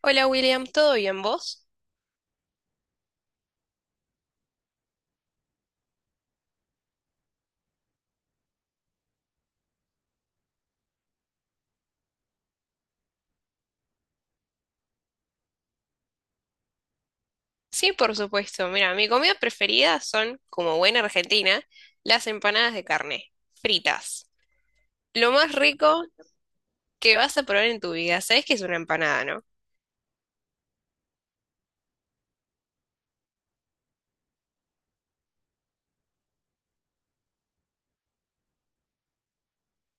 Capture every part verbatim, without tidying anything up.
Hola William, ¿todo bien vos? Sí, por supuesto. Mira, mi comida preferida son, como buena argentina, las empanadas de carne, fritas. Lo más rico que vas a probar en tu vida, sabes que es una empanada, ¿no?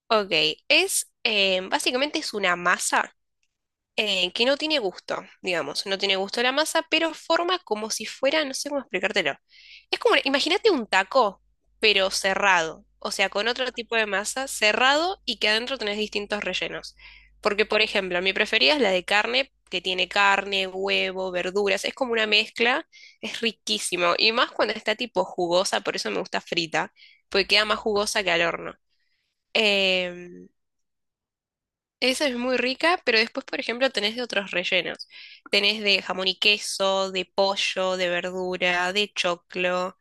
Ok, es, eh, básicamente es una masa eh, que no tiene gusto, digamos, no tiene gusto la masa, pero forma como si fuera, no sé cómo explicártelo. Es como, imagínate un taco, pero cerrado, o sea, con otro tipo de masa cerrado y que adentro tenés distintos rellenos. Porque, por ejemplo, mi preferida es la de carne, que tiene carne, huevo, verduras, es como una mezcla, es riquísimo, y más cuando está tipo jugosa, por eso me gusta frita, porque queda más jugosa que al horno. Em, Esa es muy rica, pero después, por ejemplo, tenés de otros rellenos. Tenés de jamón y queso, de pollo, de verdura, de choclo,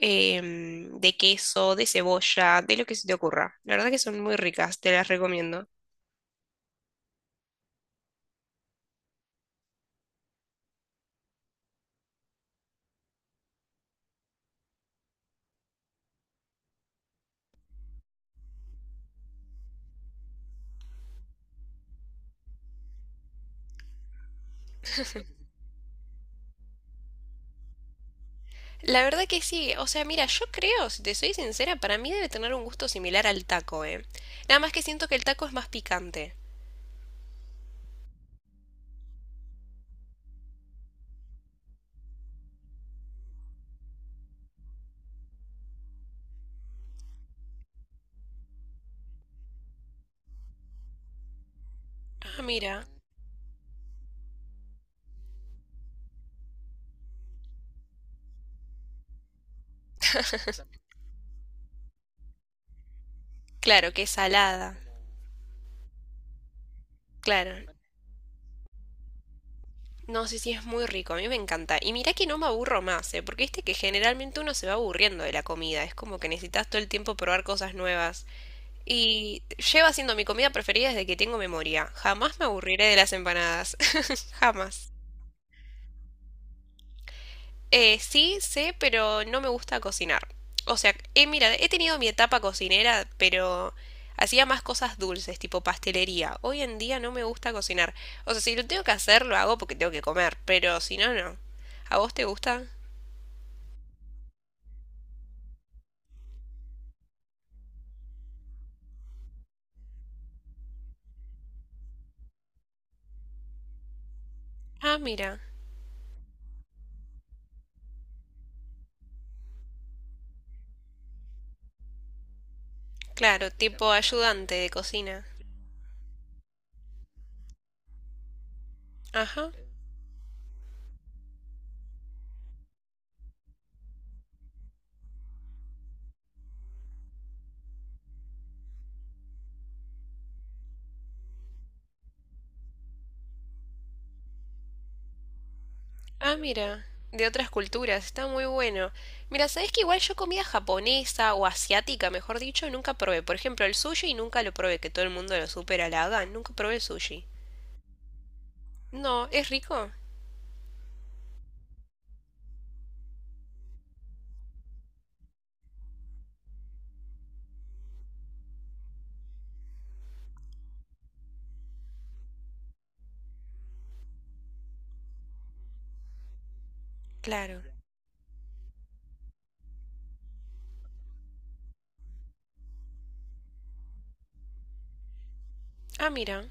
em, de queso, de cebolla, de lo que se te ocurra. La verdad que son muy ricas, te las recomiendo. La verdad que sí, o sea, mira, yo creo, si te soy sincera, para mí debe tener un gusto similar al taco, ¿eh? Nada más que siento que el taco es más picante. Ah, mira, claro que es salada, claro. No, sé sí, si sí, es muy rico, a mí me encanta. Y mirá que no me aburro más, ¿eh? Porque viste que generalmente uno se va aburriendo de la comida, es como que necesitas todo el tiempo probar cosas nuevas. Y lleva siendo mi comida preferida desde que tengo memoria. Jamás me aburriré de las empanadas, jamás. Eh, sí, sé, pero no me gusta cocinar. O sea, eh, mira, he tenido mi etapa cocinera, pero hacía más cosas dulces, tipo pastelería. Hoy en día no me gusta cocinar. O sea, si lo tengo que hacer, lo hago porque tengo que comer, pero si no, no. ¿A vos te gusta? Ah, mira. Claro, tipo ayudante de cocina. Ajá. Ah, mira. De otras culturas. Está muy bueno. Mira, ¿sabes que igual yo comida japonesa o asiática, mejor dicho, nunca probé? Por ejemplo, el sushi nunca lo probé, que todo el mundo lo supera, la hagan, nunca probé el sushi. No, ¿es rico? Claro. Ah, mira.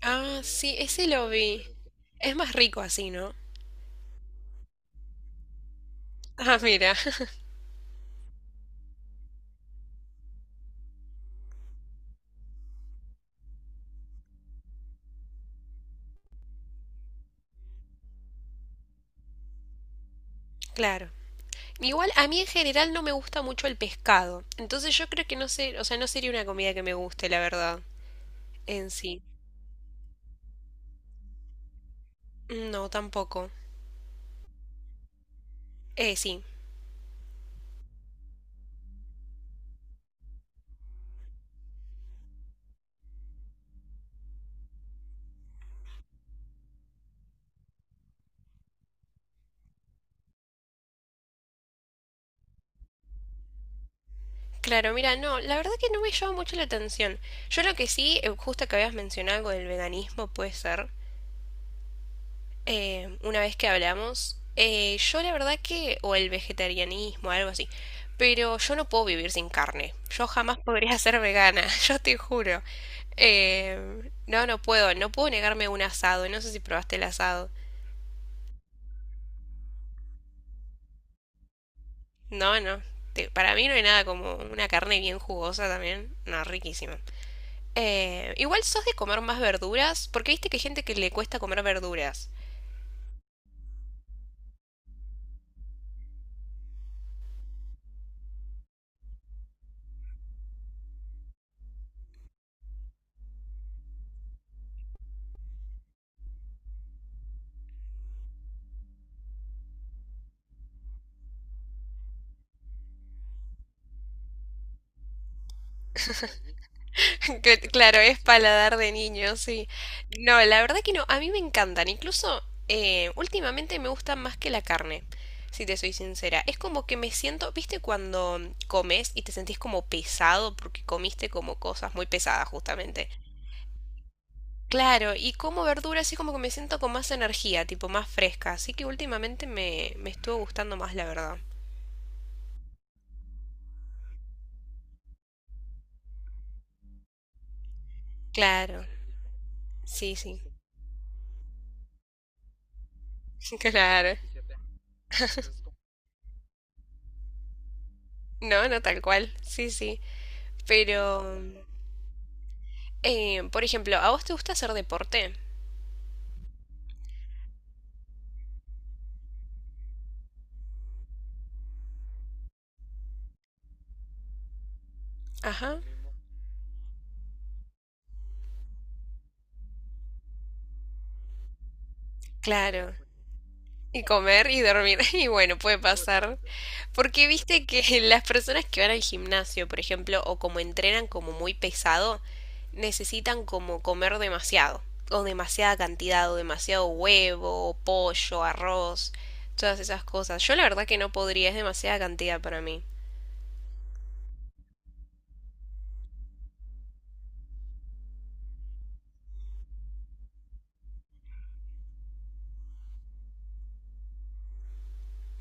Ah, sí, ese lo vi. Es más rico así, ¿no? Ah, mira. Claro. Igual a mí en general no me gusta mucho el pescado. Entonces yo creo que no sé, o sea, no sería una comida que me guste, la verdad. En sí. No, tampoco. Eh, sí. Claro, mira, no, la verdad que no me llama mucho la atención. Yo lo que sí, eh, justo que habías mencionado algo del veganismo, puede ser, eh, una vez que hablamos, eh, yo la verdad que, o el vegetarianismo, algo así, pero yo no puedo vivir sin carne. Yo jamás podría ser vegana, yo te juro. Eh, no, no puedo, no puedo negarme un asado, no sé si probaste el asado. No, no, te- para mí no hay nada como una carne bien jugosa también, no, riquísima. Eh, igual sos de comer más verduras, porque viste que hay gente que le cuesta comer verduras. Que, claro, es paladar de niño, sí. No, la verdad que no, a mí me encantan. Incluso eh, últimamente me gustan más que la carne, si te soy sincera. Es como que me siento, viste cuando comes y te sentís como pesado porque comiste como cosas muy pesadas, justamente. Claro, y como verduras así como que me siento con más energía, tipo más fresca. Así que últimamente me, me estuvo gustando más, la verdad. Claro, sí, sí. Claro. No, no tal cual. Sí, sí. Pero, eh, por ejemplo, ¿a vos te gusta hacer deporte? Ajá. Claro. Y comer y dormir. Y bueno, puede pasar. Porque viste que las personas que van al gimnasio, por ejemplo, o como entrenan como muy pesado, necesitan como comer demasiado. O demasiada cantidad, o demasiado huevo, pollo, arroz, todas esas cosas. Yo la verdad que no podría, es demasiada cantidad para mí.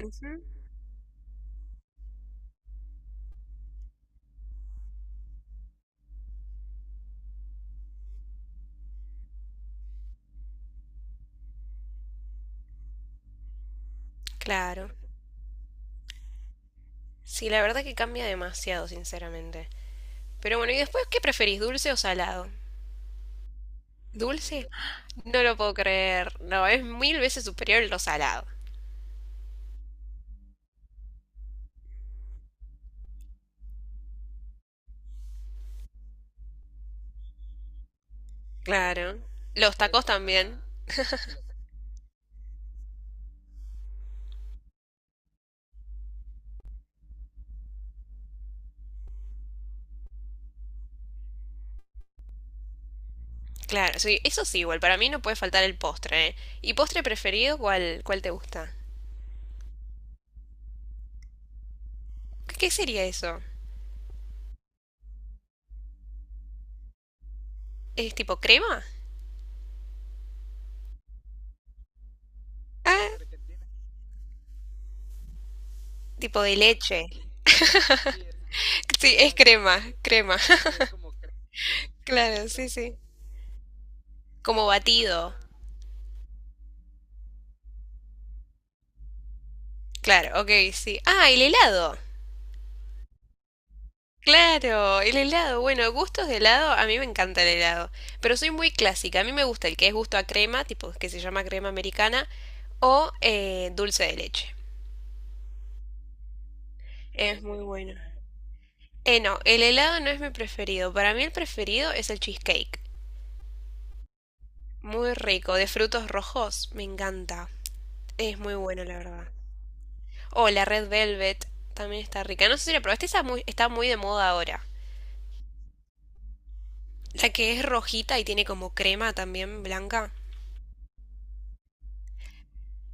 Ujú. Claro. Sí, la verdad que cambia demasiado, sinceramente. Pero bueno, ¿y después qué preferís, dulce o salado? ¿Dulce? No lo puedo creer. No, es mil veces superior lo salado. Claro. Los tacos también. Claro, sí, eso sí, igual. Para mí no puede faltar el postre, ¿eh? ¿Y postre preferido cuál, cuál te gusta? ¿Qué, qué sería eso? ¿Es tipo crema? Ah, tipo de leche. Sí, es crema, crema. Claro, sí, sí. Como batido. Claro, ok, sí. Ah, el helado. Claro, el helado. Bueno, gustos de helado, a mí me encanta el helado, pero soy muy clásica. A mí me gusta el que es gusto a crema, tipo que se llama crema americana, o eh, dulce de leche. Es muy bueno. Eh, no, el helado no es mi preferido. Para mí el preferido es el cheesecake. Muy rico, de frutos rojos, me encanta. Es muy bueno, la verdad. O la Red Velvet también está rica. No sé si la probaste, esa muy, está muy de moda ahora. La que es rojita y tiene como crema también blanca.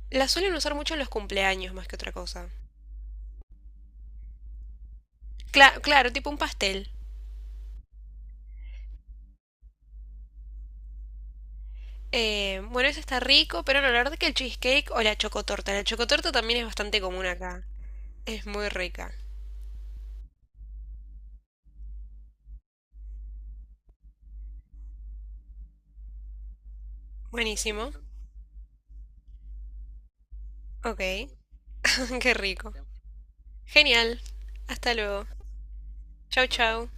La suelen usar mucho en los cumpleaños más que otra cosa. Cla- claro, tipo un pastel. Eh, bueno, ese está rico, pero no, la verdad que el cheesecake o la chocotorta. La chocotorta también es bastante común acá. Es muy rica. Buenísimo. Ok, qué rico. Genial. Hasta luego. Chau, chau.